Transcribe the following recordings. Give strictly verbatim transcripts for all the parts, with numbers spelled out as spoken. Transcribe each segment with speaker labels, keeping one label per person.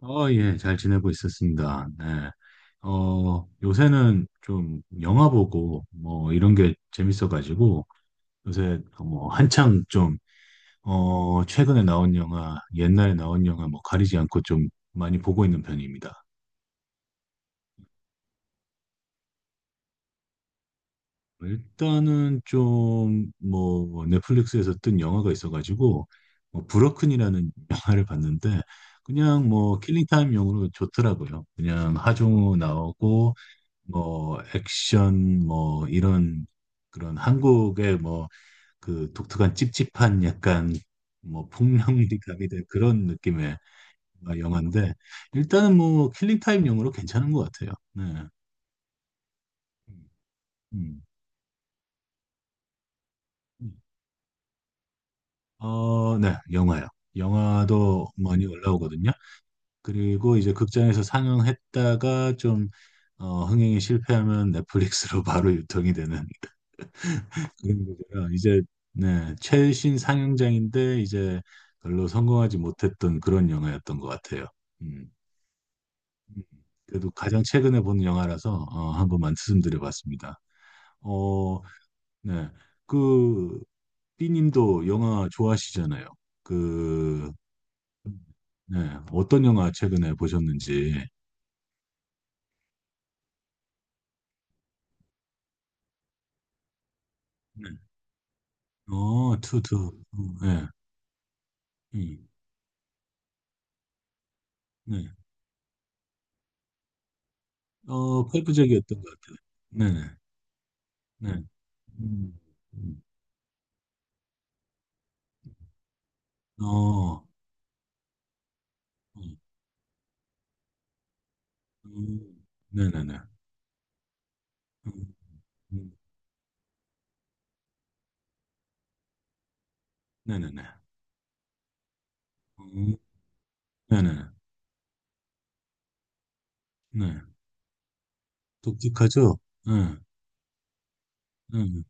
Speaker 1: 어, 예, 잘 지내고 있었습니다. 네. 어, 요새는 좀 영화 보고 뭐 이런 게 재밌어가지고 요새 뭐 한창 좀, 어, 최근에 나온 영화, 옛날에 나온 영화 뭐 가리지 않고 좀 많이 보고 있는 편입니다. 일단은 좀 뭐 넷플릭스에서 뜬 영화가 있어가지고 뭐 브로큰이라는 영화를 봤는데 그냥 뭐 킬링타임용으로 좋더라고요. 그냥 하정우 나오고 뭐 액션 뭐 이런 그런 한국의 뭐 그 독특한 찝찝한 약간 뭐 폭력미 가미된 그런 느낌의 영화인데 일단은 뭐 킬링 타임 용으로 괜찮은 것 같아요. 네. 음. 음. 어, 네, 영화요. 영화도 많이 올라오거든요. 그리고 이제 극장에서 상영했다가 좀 어, 흥행이 실패하면 넷플릭스로 바로 유통이 되는 그리고 제가 이제 네, 최신 상영장인데 이제 별로 성공하지 못했던 그런 영화였던 것 같아요. 음, 음. 그래도 가장 최근에 본 영화라서 어, 한 번만 말씀드려봤습니다. 어, 네, 그 B님도 영화 좋아하시잖아요. 그 네, 어떤 영화 최근에 보셨는지. 네. 어, 투투. 네, 음, 네. 어, 펄프적이었던 것 같아요. 네네. 네. 음. 음. 어, 음, 음, 네네네. 음, 음, 네네네. 음, 네네네. 네. 독특하죠? 네, 네,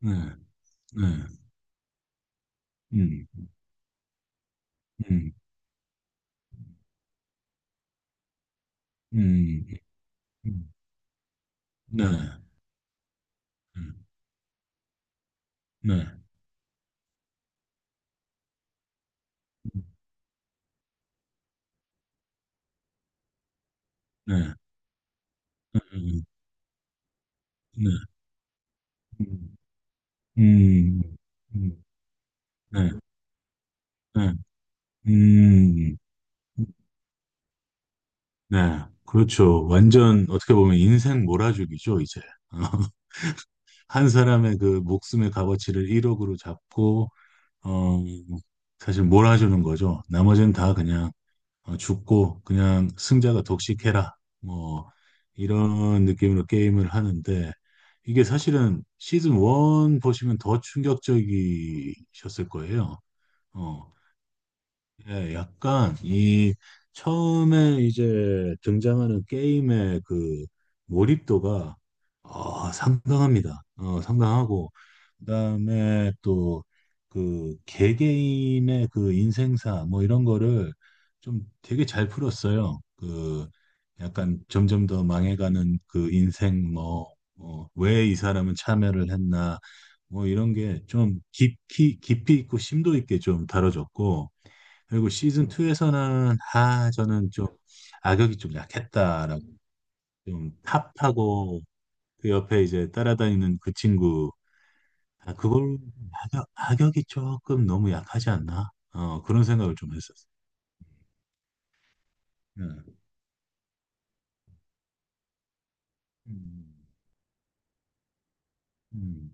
Speaker 1: 네, 네. 음, 음, 음, 음, 네, 음, 네, 음, 네, 음, 네, 음, 음, 음, 네, 네, 음, 네. 그렇죠. 완전 어떻게 보면 인생 몰아주기죠, 이제. 한 사람의 그 목숨의 값어치를 일억으로 잡고 어, 사실 몰아주는 거죠. 나머지는 다 그냥 어, 죽고 그냥 승자가 독식해라. 뭐 이런 느낌으로 게임을 하는데 이게 사실은 시즌 원 보시면 더 충격적이셨을 거예요. 어, 예, 약간 이 처음에 이제 등장하는 게임의 그 몰입도가 어, 상당합니다. 어, 상당하고 그다음에 또 그 개개인의 그 인생사 뭐 이런 거를 좀 되게 잘 풀었어요. 그 약간 점점 더 망해가는 그 인생 뭐, 어, 왜이 사람은 참여를 했나 뭐 이런 게 좀 깊이 깊이 있고 심도 있게 좀 다뤄졌고 그리고 시즌 음. 투에서는 아 저는 좀 음. 악역이 좀 약했다라고 좀 탑하고 그 옆에 이제 따라다니는 그 친구 아, 그걸 악역, 악역이 조금 너무 약하지 않나? 어 그런 생각을 좀 했었어. 음, 음. 음,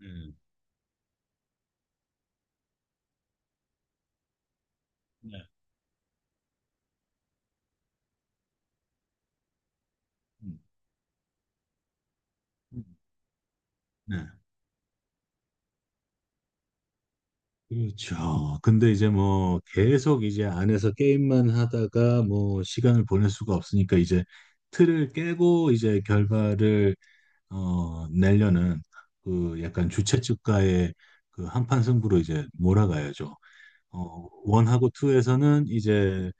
Speaker 1: 음, 네, 음, 음, 네. 그렇죠. 근데 이제 뭐 계속 이제 안에서 게임만 하다가 뭐 시간을 보낼 수가 없으니까 이제 틀을 깨고 이제 결말을 어, 내려는 그 약간 주최 측과의 그 한판 승부로 이제 몰아가야죠. 어, 원하고 투에서는 이제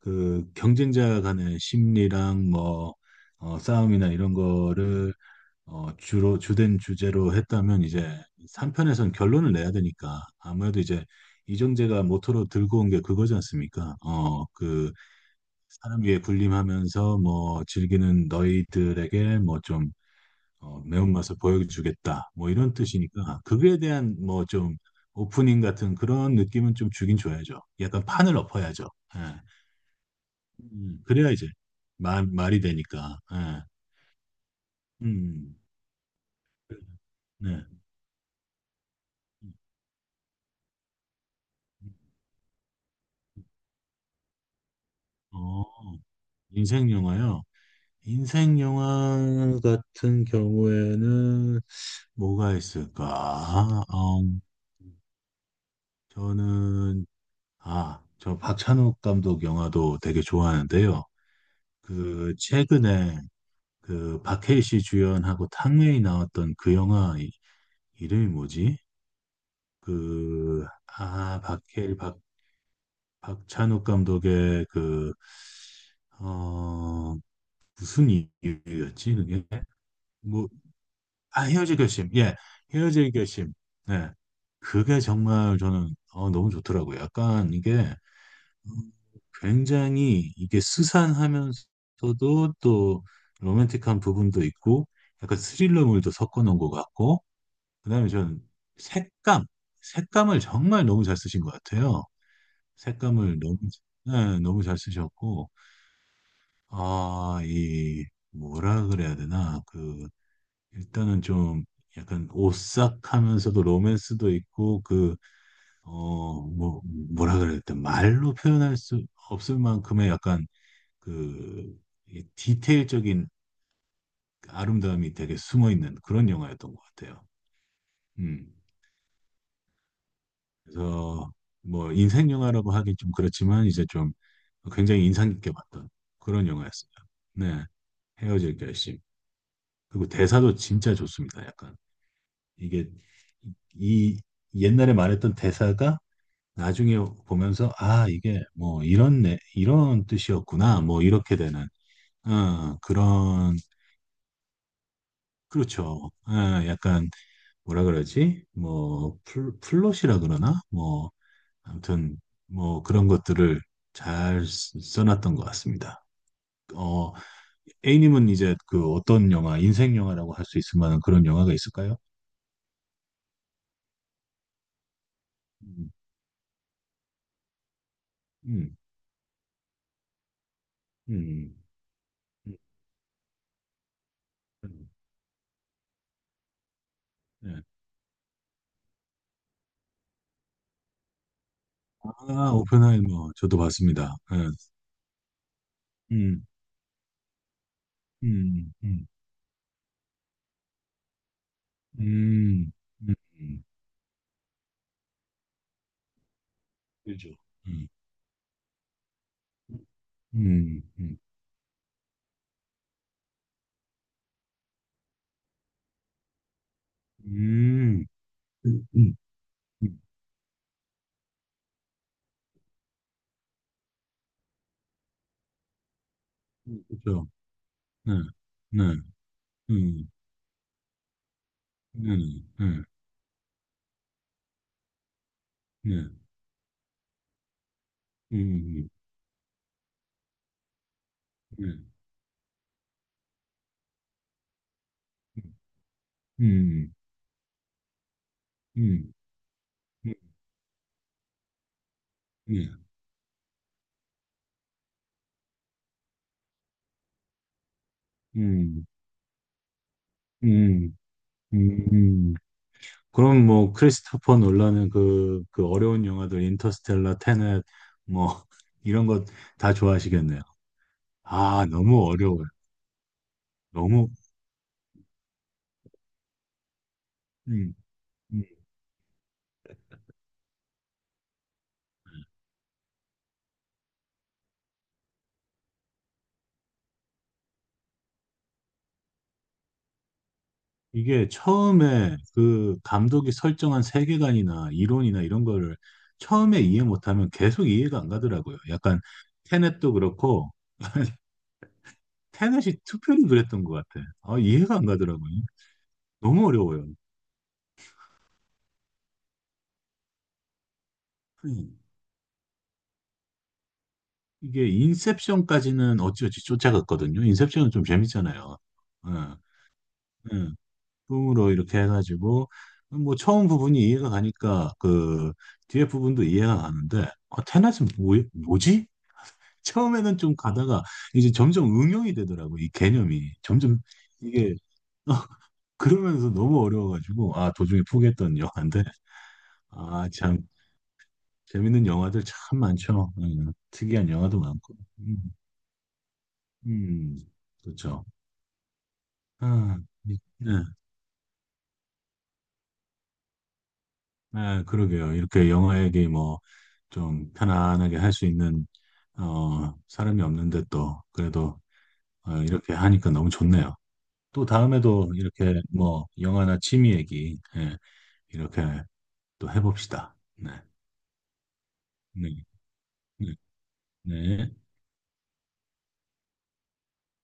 Speaker 1: 그 경쟁자 간의 심리랑 뭐 어, 싸움이나 이런 거를 어, 주로 주된 주제로 했다면 이제 삼 편에선 결론을 내야 되니까 아무래도 이제 이정재가 모토로 들고 온 게 그거지 않습니까? 어, 그 사람 위에 군림하면서 뭐 즐기는 너희들에게 뭐좀 어, 매운맛을 보여주겠다. 뭐 이런 뜻이니까 그거에 대한 뭐 좀 오프닝 같은 그런 느낌은 좀 주긴 줘야죠. 약간 판을 엎어야죠. 예. 음, 그래야 이제 말, 말이 되니까. 예. 음. 네. 어, 인생 영화요. 인생 영화 같은 경우에는 뭐가 있을까? 어, 저는 아, 저 박찬욱 감독 영화도 되게 좋아하는데요. 그 최근에 그 박해일 씨 주연하고 탕웨이 나왔던 그 영화 이- 이름이 뭐지? 그 아 박해일 박 박찬욱 감독의 그 어 무슨 이유였지 그게? 뭐 아 헤어질 결심 예 헤어질 결심 네 그게 정말 저는 어, 너무 좋더라고요. 약간 이게 음, 굉장히 이게 스산하면서도 또 로맨틱한 부분도 있고 약간 스릴러물도 섞어 놓은 것 같고 그다음에 저는 색감 색감을 정말 너무 잘 쓰신 것 같아요. 색감을 너무 네, 너무 잘 쓰셨고 아, 이 뭐라 그래야 되나 그 일단은 좀 약간 오싹하면서도 로맨스도 있고 그 어 뭐 뭐라 그래야 되 말로 표현할 수 없을 만큼의 약간 그, 이 디테일적인 아름다움이 되게 숨어 있는 그런 영화였던 것 같아요. 음. 그래서 뭐 인생 영화라고 하긴 좀 그렇지만 이제 좀 굉장히 인상 깊게 봤던 그런 영화였어요. 네. 헤어질 결심. 그리고 대사도 진짜 좋습니다. 약간 이게 이 옛날에 말했던 대사가 나중에 보면서 아 이게 뭐 이런 내 이런 뜻이었구나 뭐 이렇게 되는 어, 그런 그렇죠. 어, 약간 뭐라 그러지? 뭐 플, 플롯이라 그러나? 뭐 아무튼 뭐 그런 것들을 잘 쓰- 써놨던 것 같습니다. 어, A님은 이제 그 어떤 영화, 인생 영화라고 할 수 있을 만한 그런 영화가 있을까요? 음, 음, 음, 음, 음, 네. 아, 오펜하이머 저도 봤습니다. 네. 음, 음, 음, 음, 음, 음, 그죠. 음, 음, 음, 음, 음, 음, 음, 그죠. 네, 네, 음. 네, 네, 네, 음, 네, 네. 음, 음, 음, 네, 음, 음, 음. 그럼 뭐 크리스토퍼 놀라는 그, 그 어려운 영화들 인터스텔라, 테넷 뭐 이런 것 다 좋아하시겠네요. 아, 너무 어려워요. 너무 음, 음. 이게 처음에 그 감독이 설정한 세계관이나 이론이나 이런 거를 처음에 이해 못하면 계속 이해가 안 가더라고요. 약간 테넷도 그렇고 테넷이 특별히 그랬던 것 같아. 아, 이해가 안 가더라고요. 너무 어려워요. 음. 이게 인셉션까지는 어찌어찌 쫓아갔거든요. 인셉션은 좀 재밌잖아요. 응, 응. 꿈으로 이렇게 해가지고 뭐 처음 부분이 이해가 가니까 그 뒤에 부분도 이해가 가는데 아, 테넷은 뭐, 뭐지? 처음에는 좀 가다가 이제 점점 응용이 되더라고 이 개념이 점점 이게 그러면서 너무 어려워가지고 아 도중에 포기했던 영화인데 아참 재밌는 영화들 참 많죠. 음, 특이한 영화도 많고. 음, 음, 그렇죠. 아, 이- 네, 아, 그러게요. 이렇게 영화 얘기 뭐 좀 편안하게 할 수 있는 어, 사람이 없는데 또 그래도 어, 이렇게 하니까 너무 좋네요. 또 다음에도 이렇게 뭐 영화나 취미 얘기 예, 이렇게 또 해봅시다. 네, 네, 네. 네.